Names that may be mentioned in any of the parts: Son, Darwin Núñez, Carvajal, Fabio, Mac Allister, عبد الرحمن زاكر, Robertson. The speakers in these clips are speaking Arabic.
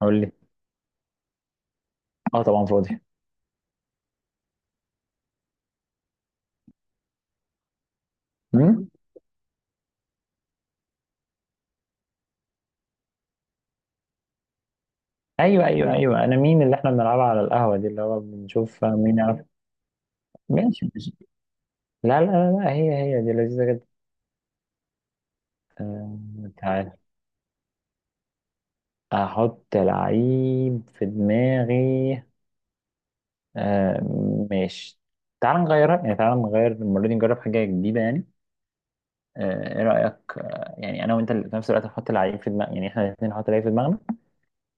قول لي. اه طبعا فاضي. مم؟ ايوه ايوه ايوه، انا مين؟ اللي احنا بنلعبها على القهوه دي اللي هو بنشوف مين يعرف. ماشي ماشي. لا لا لا لا، هي هي دي لذيذه جدا. آه، تعال احط لعيب في دماغي. آه ماشي. تعال نغيرها، يعني تعال نغير المره دي نجرب حاجه جديده يعني. آه ايه رايك؟ آه يعني انا وانت اللي في نفس الوقت نحط لعيب في دماغنا، يعني احنا الاثنين نحط لعيب في دماغنا،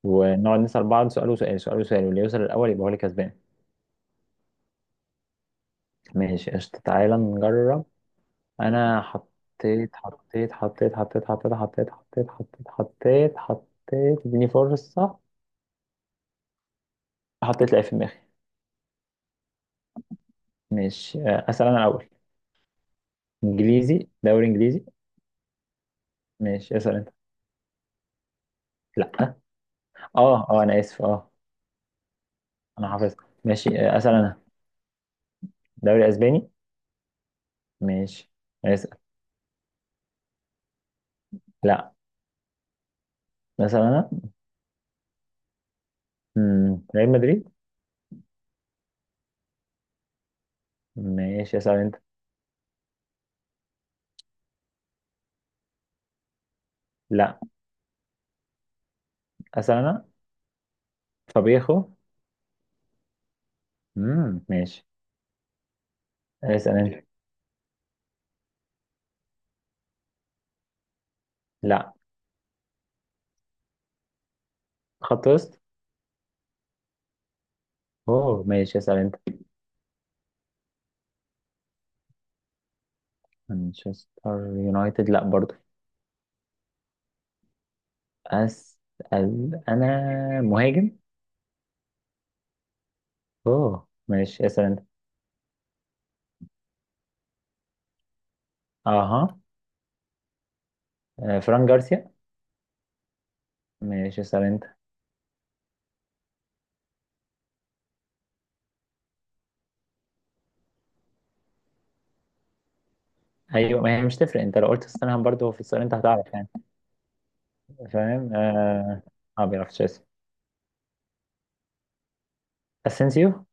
ونقعد نسال بعض سؤال وسؤال سؤال وسؤال، واللي يوصل الاول يبقى هو اللي كسبان. ماشي قشطه، تعالى نجرب. انا حطيت حطيت حطيت حطيت حطيت حطيت حطيت حطيت حطيت حطيت، اديني فرصة. حطيت لعيب في دماغي. ماشي آه، اسأل انا الاول. انجليزي، دوري انجليزي. ماشي، اسأل انت. لا. اه انا اسف اه. انا حافظ. ماشي آه، اسأل انا. دوري اسباني. ماشي. اسأل. لا. اسأل انا. ريال مدريد. ماشي، اسأل انت. لا. اسأل انا. فابيخو. ماشي. اسأل انت. لا. خط وسط. اوه ماشي، اسأل انت. مانشستر يونايتد لا برضو. اسال انا. مهاجم. اوه ماشي، اسال انت. اها. آه، فران جارسيا. ماشي، اسال انت. ايوه، ما هي مش تفرق، انت لو قلت ستانهام برضو في السؤال انت هتعرف يعني. فاهم اه. آه، ما بيعرفش. اسال. اسينسيو.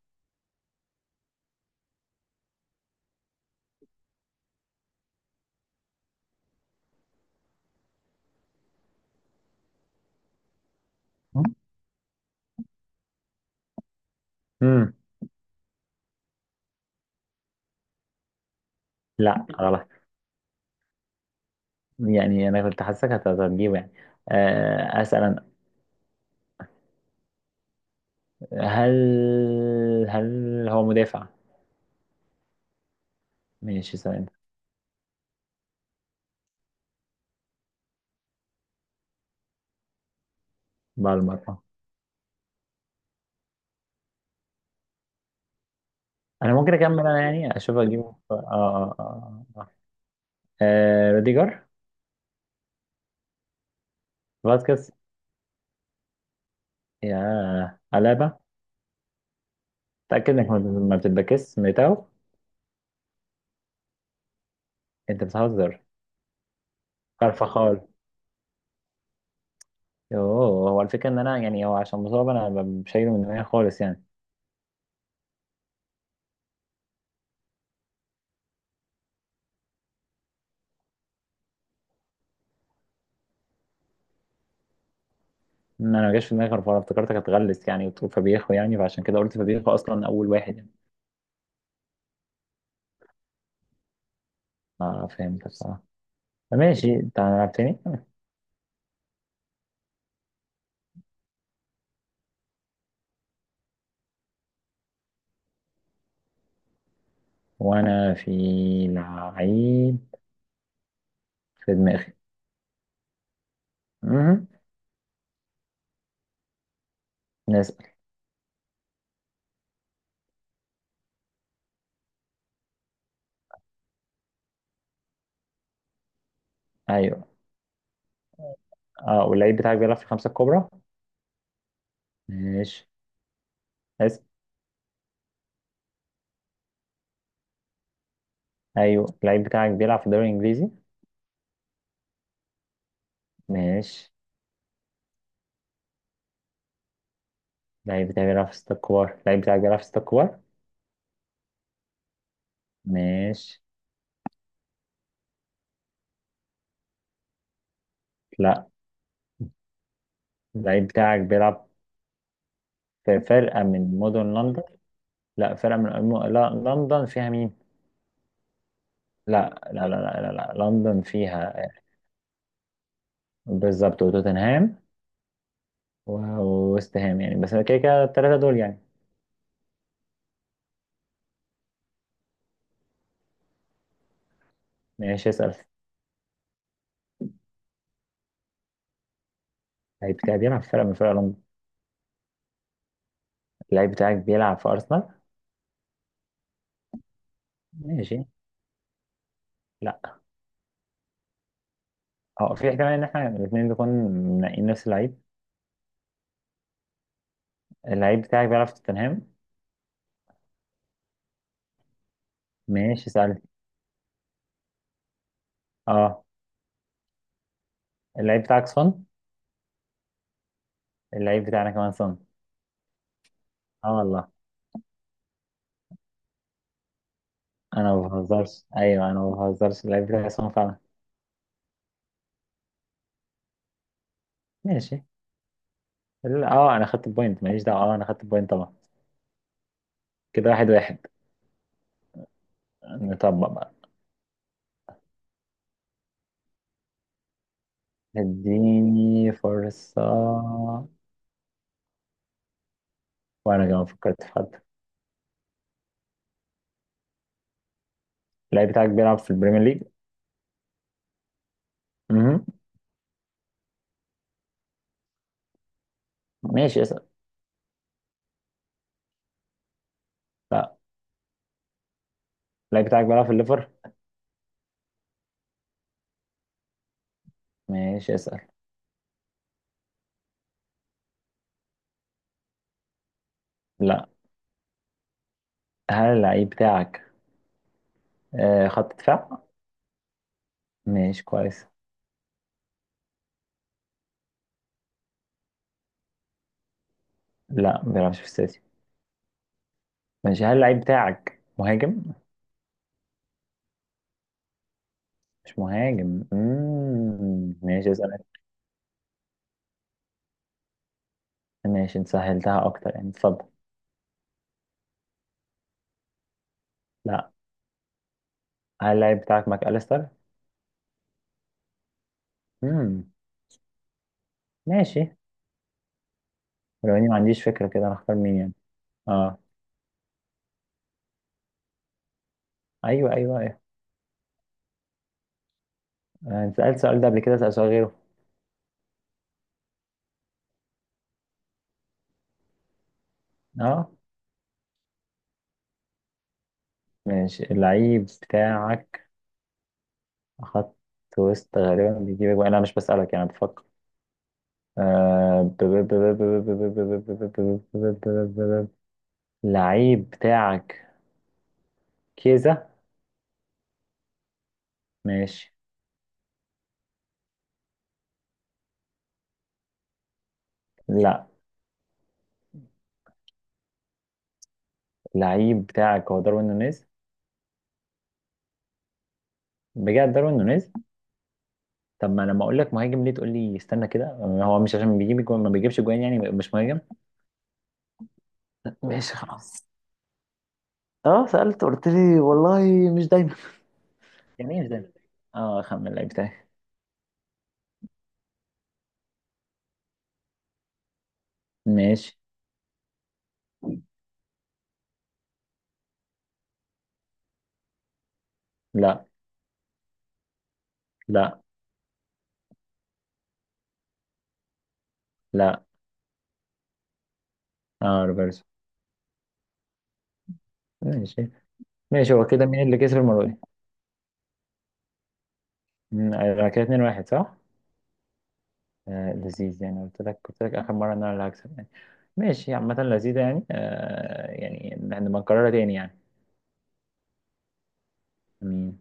امم لا غلط. يعني انا كنت حاسسك هتجيبه يعني. آه، اسال انا. هل هل هو مدافع؟ ماشي، اسال انت. بالمره. انا ممكن اكمل انا، يعني اشوف اجيبه. اه. آه، روديجر. فاسكيز. يا علابة. تأكد انك ما بتتبكس ميتاو. انت بتهزر. كارفاخال. يوه، هو الفكرة ان انا يعني، هو عشان مصاب انا شايله من دماغي خالص يعني. إن انا ما جاش في دماغي كارفاخال، افتكرتك هتغلس يعني وتقول فابيخو، يعني فعشان كده قلت فابيخو اصلا اول واحد يعني. اه فهمت بصراحة. ماشي، انت هنلعب تاني. وانا في لعيب في دماغي. مهم. نسأل. ايوه. اه، واللعيب بتاعك بيلعب في الخمسة الكبرى. ماشي. اسم. ايوه، اللعيب بتاعك بيلعب في الدوري الانجليزي. ماشي. اللعيب بتاعك بيلعب في ستة كبار، اللعيب بتاعك بيلعب في ستة كبار. ماشي. لا. اللعيب بتاعك بيلعب في فرقة من مدن لندن. لا فرقة من لا، لندن فيها مين؟ لا. لندن فيها آه، بالظبط، وتوتنهام وويست هام يعني، بس كده كده الثلاثة دول يعني. ماشي، اسأل. اللعيب بتاعك بيلعب في فرقة من فرق لندن. اللعيب بتاعك بيلعب في أرسنال. ماشي. لا. اه، في احتمال ان احنا الاثنين نكون منقين نفس اللعيب. اللعيب بتاعك بيلعب في توتنهام. ماشي، سألت. اه. اللعيب بتاعك سون. اللعيب بتاعنا كمان سون. اه والله. انا ما بهزرش، ايوه انا ما بهزرش، اللعيب بتاعي سون فعلا. ماشي. لا، اه انا خدت البوينت، ماليش دعوه، اه انا خدت البوينت طبعا. كده واحد واحد. نطبق بقى. اديني فرصه. وانا كمان فكرت في حد. اللعيب بتاعك بيلعب في البريمير ليج. مهم. ماشي، اسأل. لا. اللعيب بتاعك بيلعب في الليفر. ماشي، اسأل. لا. هل اللعيب بتاعك آه، خط دفاع؟ ماشي كويس. لا ما بيلعبش في السيتي. ماشي، هل اللعيب بتاعك مهاجم؟ مش مهاجم. مم. ماشي، اسأل أنت. ماشي، انت سهلتها اكتر يعني، اتفضل. لا. هل اللعيب بتاعك ماك أليستر؟ مم. ماشي. ولو اني ما عنديش فكرة، كده انا اختار مين يعني. اه. ايوه ايوه ايوه. آه، انت سألت السؤال ده قبل كده، اسأل سؤال غيره. اه ماشي. اللعيب بتاعك خط وسط، غالبا بيجيب أجوان. انا مش بسألك يعني، بفكر. آه، لعيب بتاعك كيزا. ماشي. لا. لعيب بتاعك هو داروين نونيز. بجد داروين نونيز. طب ما أنا لما اقول لك مهاجم ليه تقول لي استنى كده؟ هو مش عشان بيجيب جوان ما بيجيبش جوان يعني مش مهاجم. ماشي خلاص. اه سألت، قلت لي والله مش دايما. يعني ايه مش ده؟ اه، خمن اللعيب بتاعي. ماشي. لا لا لا. اه، روبرتسون. ماشي. ماشي، هو كده مين اللي كسب المره دي؟ مم، آه، كده 2-1 صح؟ آه لذيذ يعني، قلت لك قلت لك آخر مرة إن أنا اللي هكسب يعني. ماشي عامة، لذيذة يعني. آه يعني إحنا بنكررها تاني يعني.